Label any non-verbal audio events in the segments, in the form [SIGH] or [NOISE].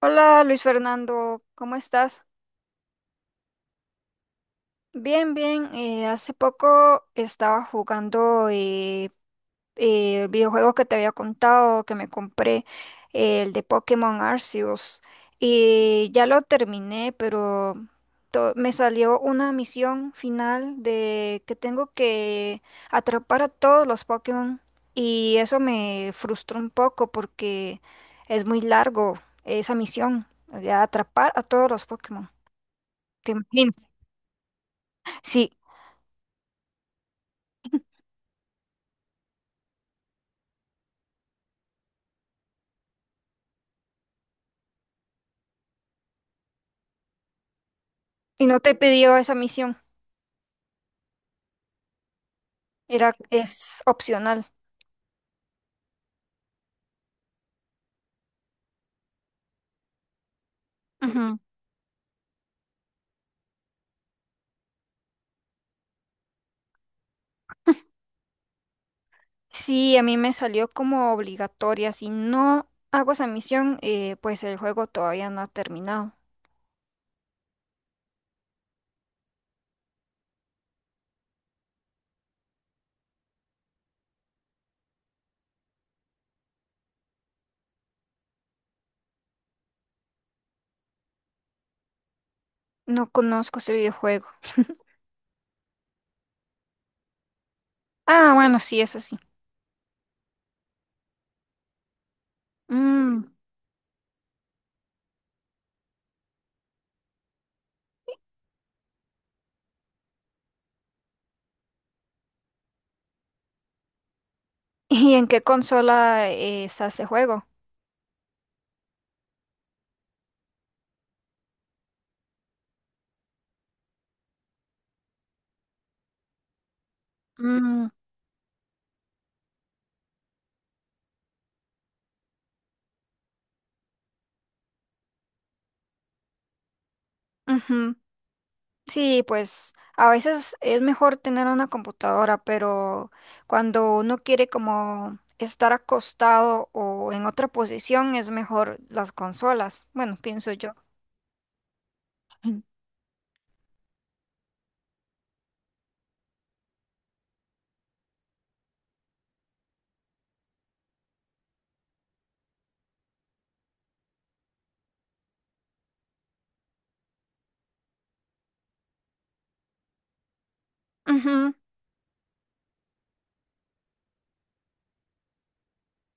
Hola Luis Fernando, ¿cómo estás? Bien, bien. Hace poco estaba jugando videojuegos que te había contado, que me compré, el de Pokémon Arceus. Y ya lo terminé, pero me salió una misión final de que tengo que atrapar a todos los Pokémon. Y eso me frustró un poco porque es muy largo esa misión, de atrapar a todos los Pokémon. Te imagino. Sí, y no te pidió esa misión, era, es opcional. Ujú. Sí, a mí me salió como obligatoria. Si no hago esa misión, pues el juego todavía no ha terminado. No conozco ese videojuego. [LAUGHS] Ah, bueno, sí, eso sí. Mm, ¿Y en qué consola está ese juego? Mm. Ujú. Sí, pues a veces es mejor tener una computadora, pero cuando uno quiere como estar acostado o en otra posición es mejor las consolas. Bueno, pienso yo. Mm. Ujú.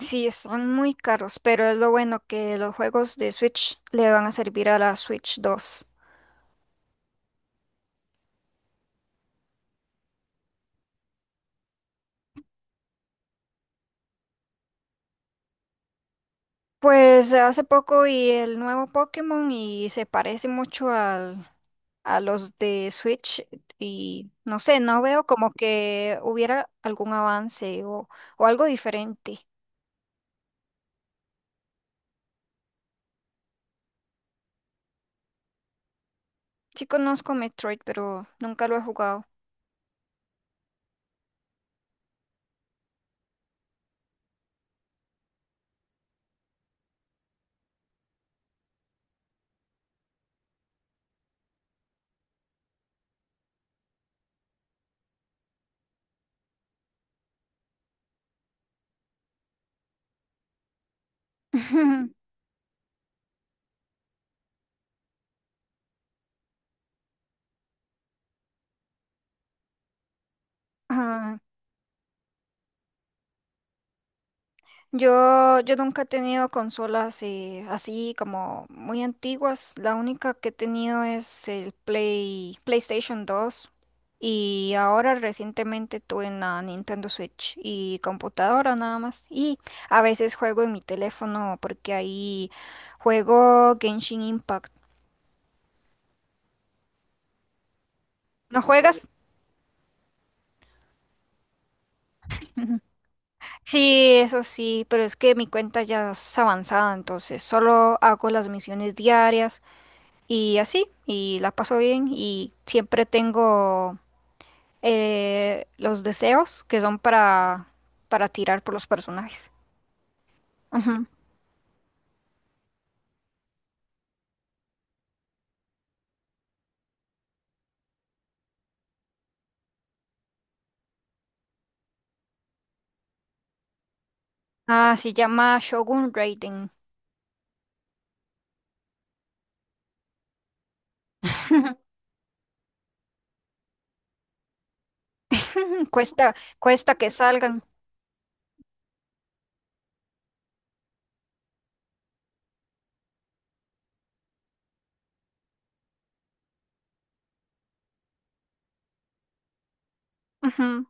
Sí, están muy caros, pero es lo bueno que los juegos de Switch le van a servir a la Switch 2. Pues hace poco vi el nuevo Pokémon y se parece mucho al a los de Switch y no sé, no veo como que hubiera algún avance o algo diferente. Sí conozco Metroid, pero nunca lo he jugado. [LAUGHS] Ah, yo nunca he tenido consolas así como muy antiguas. La única que he tenido es el PlayStation 2. Y ahora recientemente tuve una Nintendo Switch y computadora nada más. Y a veces juego en mi teléfono porque ahí juego Genshin Impact. ¿No juegas? [LAUGHS] Sí, eso sí, pero es que mi cuenta ya es avanzada, entonces solo hago las misiones diarias. Y así, y la paso bien y siempre tengo los deseos que son para tirar por los personajes. Ujú. Ah, se llama Shogun Raiden. [LAUGHS] Cuesta, cuesta que salgan. Ujú.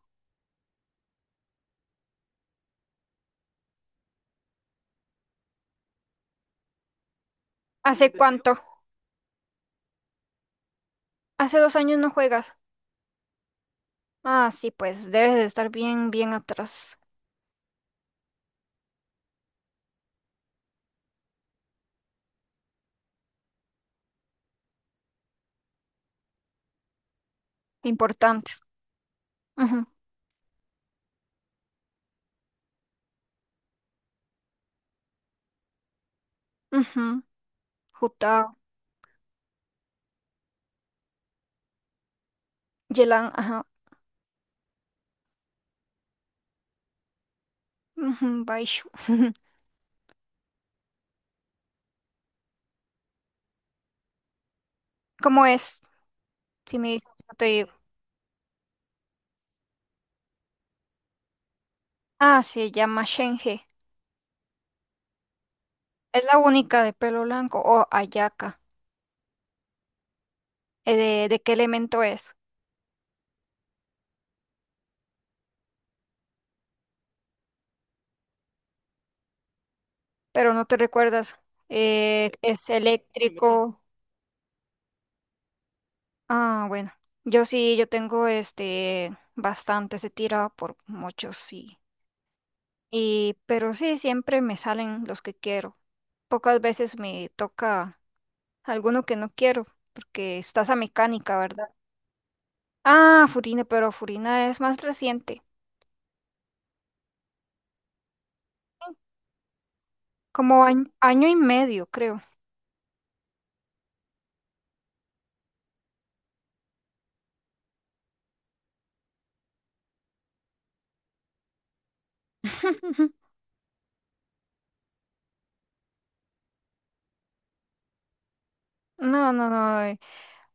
¿Hace cuánto? Hace 2 años no juegas. Ah, sí, pues debes de estar bien, bien atrás. Importantes. Ujú, ujú. Jutao, Yelan, ajá. Ujú, Baishu. [LAUGHS] ¿Cómo es? Si me dices, no te digo. Ah, se llama Shenge. Es la única de pelo blanco o ayaca. De qué elemento es? Pero no te recuerdas. Es eléctrico. Ah, bueno. Yo sí, yo tengo este bastante, se tira por muchos, sí. Pero sí, siempre me salen los que quiero. Pocas veces me toca alguno que no quiero, porque está esa mecánica, ¿verdad? Ah, Furina, pero Furina es más reciente. Como año, año y medio, creo. [LAUGHS] No, no, no.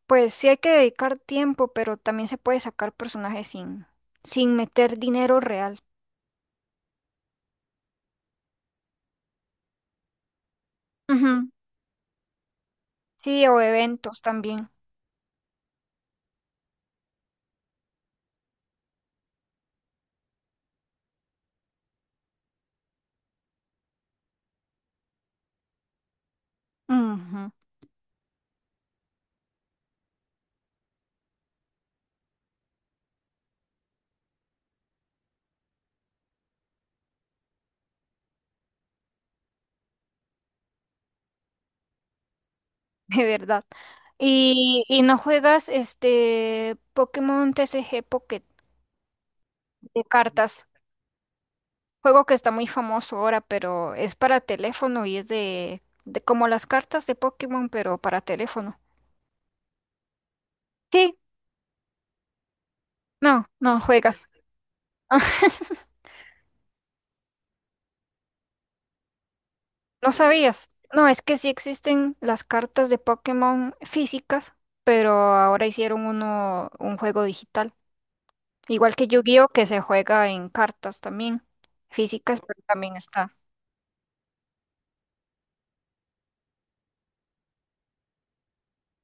Pues sí hay que dedicar tiempo, pero también se puede sacar personajes sin meter dinero real. Ujú. Sí, o eventos también. Ujú. [LAUGHS] De verdad. ¿Y no juegas este Pokémon TCG Pocket de cartas? Juego que está muy famoso ahora, pero es para teléfono y es de como las cartas de Pokémon, pero para teléfono. Sí, no, no juegas. ¿No sabías? No, es que sí existen las cartas de Pokémon físicas, pero ahora hicieron un juego digital. Igual que Yu-Gi-Oh, que se juega en cartas también, físicas, pero también está.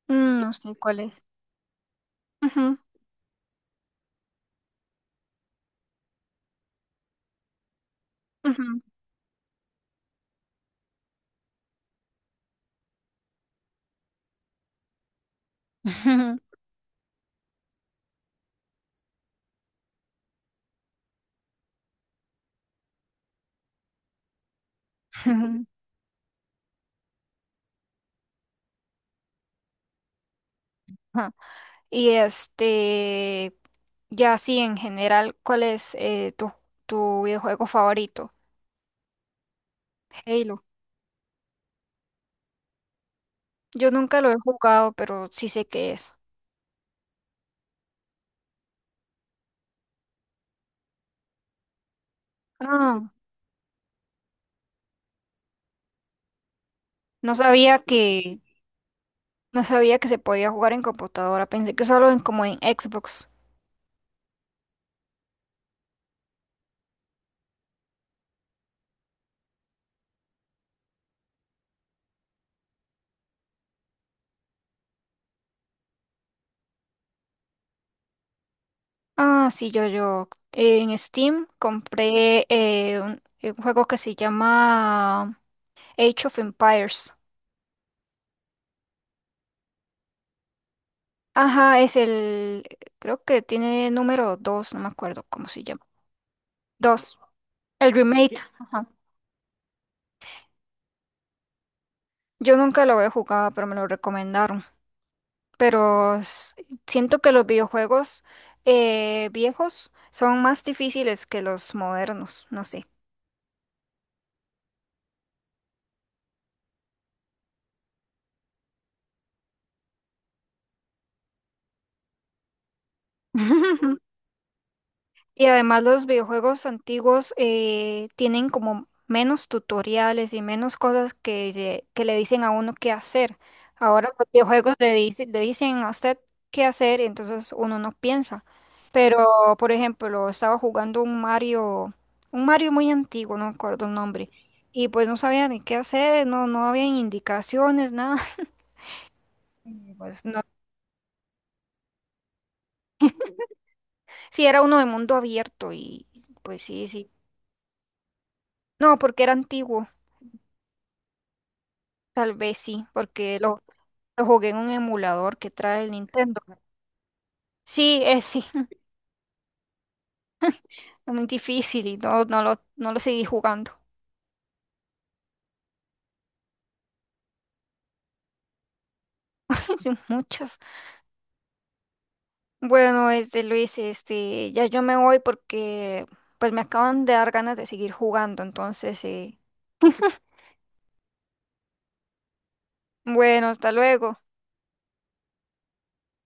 No sé cuál es. Ujú, ujú. [LAUGHS] Ujú. Ajá. Y ya así en general, ¿cuál es tu videojuego favorito? Halo. Yo nunca lo he jugado, pero sí sé qué es. Ah, no sabía que, no sabía que se podía jugar en computadora, pensé que solo en como en Xbox. Ah, sí, yo, en Steam compré un juego que se llama Age of Empires. Ajá, creo que tiene número 2, no me acuerdo cómo se llama. 2, el remake. Ajá. Yo nunca lo había jugado, pero me lo recomendaron. Pero siento que los videojuegos viejos son más difíciles que los modernos, no sé. [LAUGHS] Y además los videojuegos antiguos tienen como menos tutoriales y menos cosas que le dicen a uno qué hacer. Ahora los videojuegos le dicen a usted qué hacer y entonces uno no piensa. Pero, por ejemplo, estaba jugando un Mario, muy antiguo, no me acuerdo el nombre, y pues no sabía ni qué hacer, no, no había indicaciones, nada. [LAUGHS] Pues no, sí era uno de mundo abierto y pues sí, sí. No, porque era antiguo. Tal vez sí, porque lo jugué en un emulador que trae el Nintendo. Sí, es sí, [LAUGHS] es muy difícil y no, no lo seguí jugando. [LAUGHS] Son muchos. Bueno, este Luis, ya yo me voy porque pues me acaban de dar ganas de seguir jugando. Entonces, bueno, hasta luego.